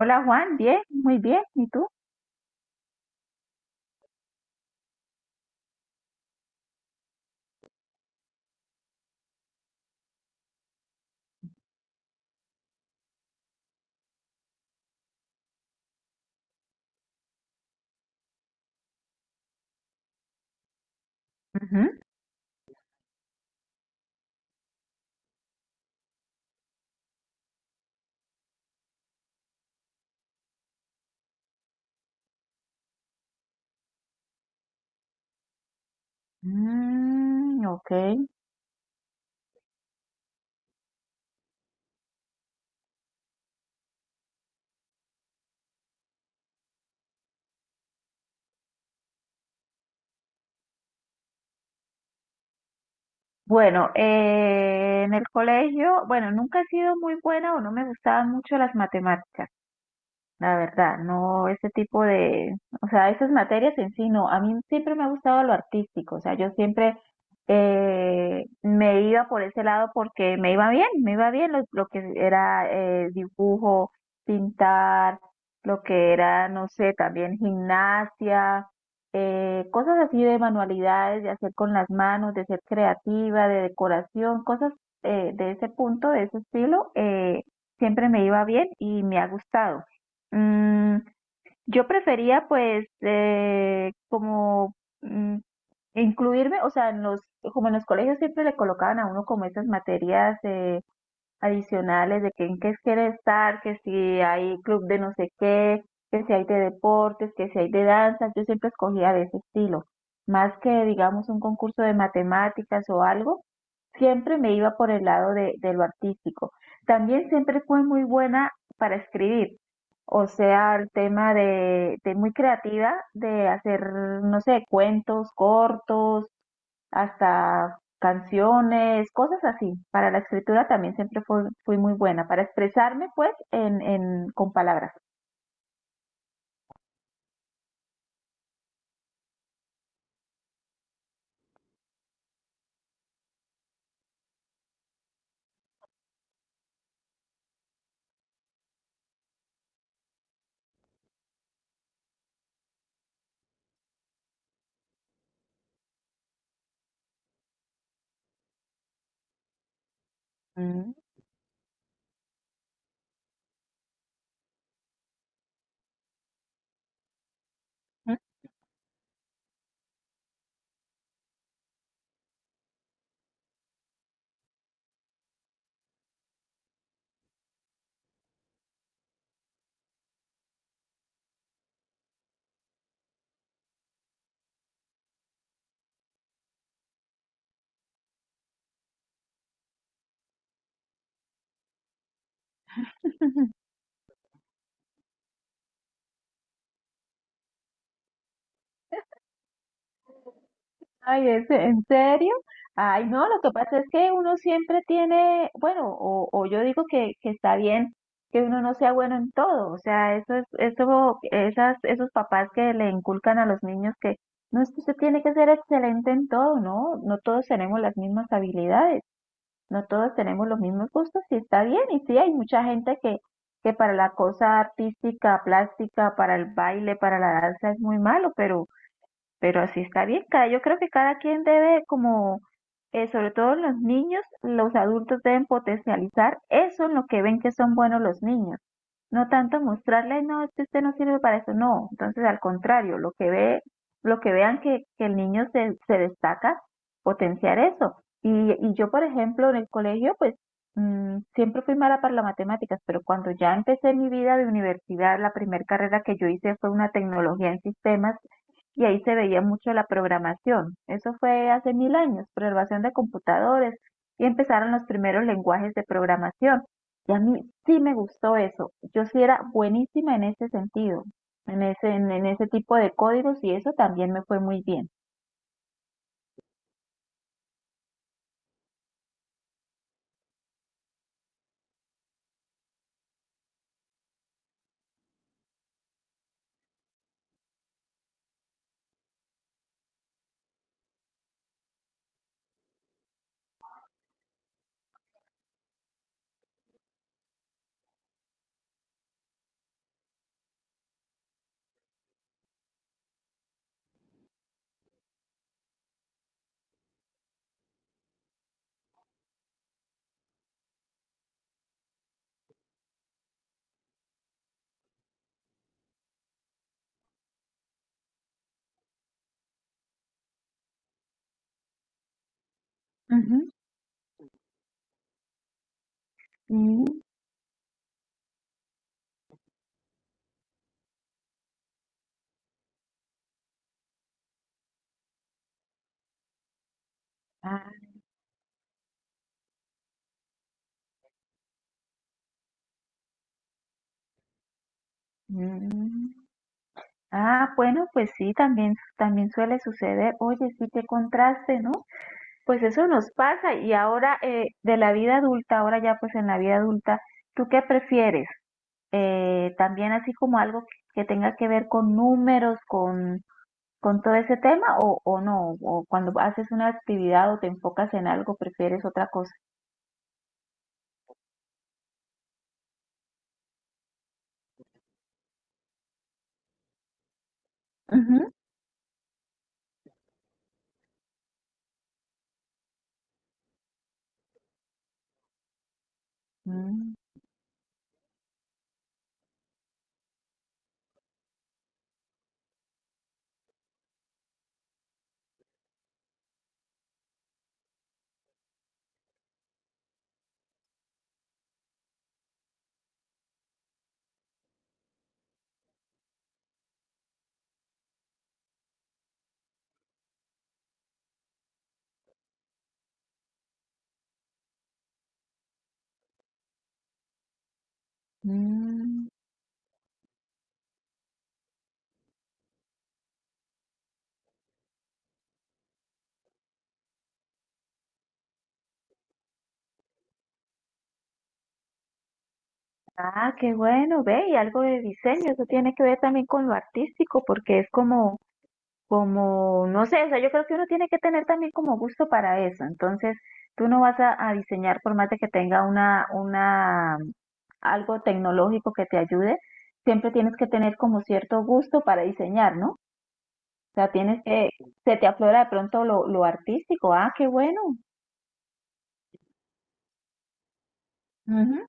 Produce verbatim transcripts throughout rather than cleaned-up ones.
Hola Juan, bien, muy bien. ¿Y tú? Ujú. Mm, ok. Bueno, eh, en el colegio, bueno, nunca he sido muy buena o no me gustaban mucho las matemáticas. La verdad, no ese tipo de, o sea, esas materias en sí, no, a mí siempre me ha gustado lo artístico, o sea, yo siempre eh, me iba por ese lado porque me iba bien, me iba bien lo, lo que era eh, dibujo, pintar, lo que era, no sé, también gimnasia, eh, cosas así de manualidades, de hacer con las manos, de ser creativa, de decoración, cosas eh, de ese punto, de ese estilo, eh, siempre me iba bien y me ha gustado. Mm, yo prefería pues eh, como mm, incluirme, o sea, en los, como en los colegios siempre le colocaban a uno como esas materias adicionales de que en qué quieres estar, que si hay club de no sé qué, que si hay de deportes, que si hay de danza, yo siempre escogía de ese estilo. Más que, digamos, un concurso de matemáticas o algo, siempre me iba por el lado de, de lo artístico. También siempre fue muy buena para escribir, o sea, el tema de, de muy creativa, de hacer, no sé, cuentos cortos, hasta canciones, cosas así. Para la escritura también siempre fui, fui muy buena, para expresarme pues en, en, con palabras. Mm. Ay, ¿es- ¿en serio? Ay, no, lo que pasa es que uno siempre tiene, bueno, o, o yo digo que, que está bien que uno no sea bueno en todo, o sea, eso es, eso, esas, esos papás que le inculcan a los niños que no es que usted tiene que ser excelente en todo, no, no todos tenemos las mismas habilidades, no todos tenemos los mismos gustos y está bien, y sí, hay mucha gente que, que para la cosa artística, plástica, para el baile, para la danza es muy malo, pero así está bien, cada, yo creo que cada quien debe como, eh, sobre todo los niños, los adultos deben potencializar eso en lo que ven que son buenos los niños. No tanto mostrarle, no, este usted no sirve para eso, no. Entonces, al contrario, lo que ve, lo que vean que, que el niño se, se destaca, potenciar eso. Y, y yo, por ejemplo, en el colegio, pues mm, siempre fui mala para las matemáticas, pero cuando ya empecé mi vida de universidad, la primera carrera que yo hice fue una tecnología en sistemas y ahí se veía mucho la programación. Eso fue hace mil años, programación de computadores y empezaron los primeros lenguajes de programación. Y a mí sí me gustó eso. Yo sí era buenísima en ese sentido, en ese, en, en ese tipo de códigos y eso también me fue muy bien. Ujú, sí. Ah, mm. Ah, bueno, pues sí, también, también suele suceder. Oye, sí, qué contraste, ¿no? Pues eso nos pasa y ahora eh, de la vida adulta, ahora ya pues en la vida adulta, ¿tú qué prefieres? Eh, también así como algo que tenga que ver con números, con con todo ese tema o, o no? ¿O cuando haces una actividad o te enfocas en algo, prefieres otra cosa? Ujú. Mm, mm. Ah, qué bueno, ve, y algo de diseño, eso tiene que ver también con lo artístico, porque es como, como, no sé, o sea, yo creo que uno tiene que tener también como gusto para eso. Entonces, tú no vas a, a diseñar por más de que tenga una, una, algo tecnológico que te ayude, siempre tienes que tener como cierto gusto para diseñar, ¿no? O sea, tienes que, se te aflora de pronto lo, lo artístico. Ah, qué bueno. Ujú,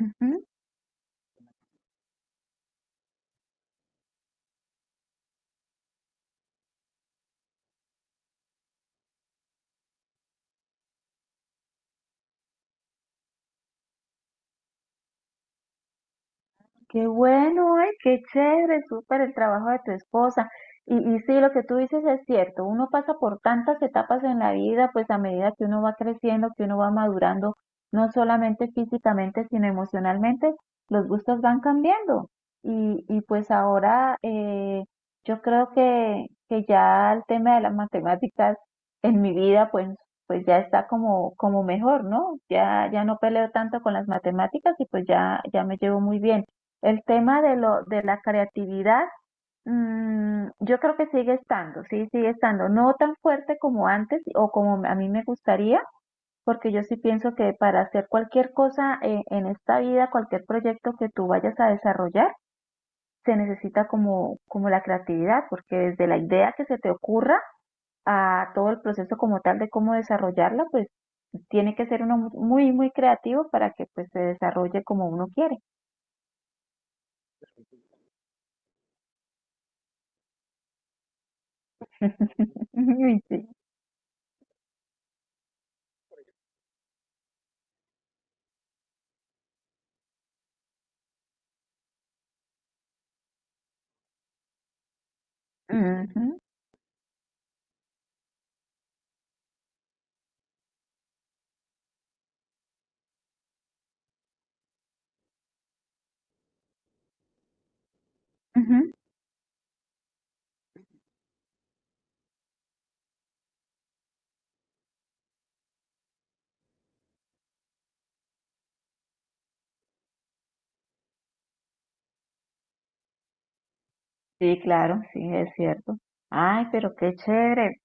ujú. Qué bueno, ay, qué chévere, súper el trabajo de tu esposa. Y, y sí, lo que tú dices es cierto, uno pasa por tantas etapas en la vida, pues a medida que uno va creciendo, que uno va madurando, no solamente físicamente, sino emocionalmente, los gustos van cambiando. Y, y pues ahora eh, yo creo que, que ya el tema de las matemáticas en mi vida, pues, pues ya está como, como mejor, ¿no? Ya, ya no peleo tanto con las matemáticas y pues ya, ya me llevo muy bien. El tema de lo de la creatividad, mm, yo creo que sigue estando, sí, sigue estando, no tan fuerte como antes o como a mí me gustaría, porque yo sí pienso que para hacer cualquier cosa eh, en esta vida, cualquier proyecto que tú vayas a desarrollar, se necesita como, como la creatividad, porque desde la idea que se te ocurra a todo el proceso como tal de cómo desarrollarla, pues tiene que ser uno mu- muy, muy creativo para que pues se desarrolle como uno quiere. Sí. Ujú, ujú. Sí, claro, sí, es cierto. Ay, pero qué chévere.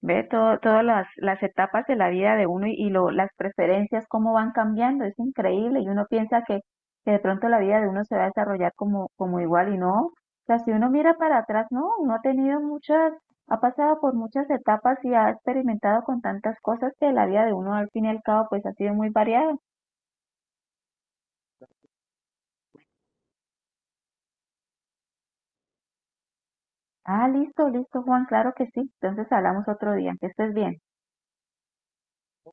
Ve todo, todas las, las etapas de la vida de uno y, y lo, las preferencias, cómo van cambiando. Es increíble. Y uno piensa que, que de pronto la vida de uno se va a desarrollar como, como igual y no. O sea, si uno mira para atrás, no, uno ha tenido muchas, ha pasado por muchas etapas y ha experimentado con tantas cosas que la vida de uno al fin y al cabo pues ha sido muy variada. Ah, listo, listo, Juan, claro que sí. Entonces hablamos otro día. Que estés bien.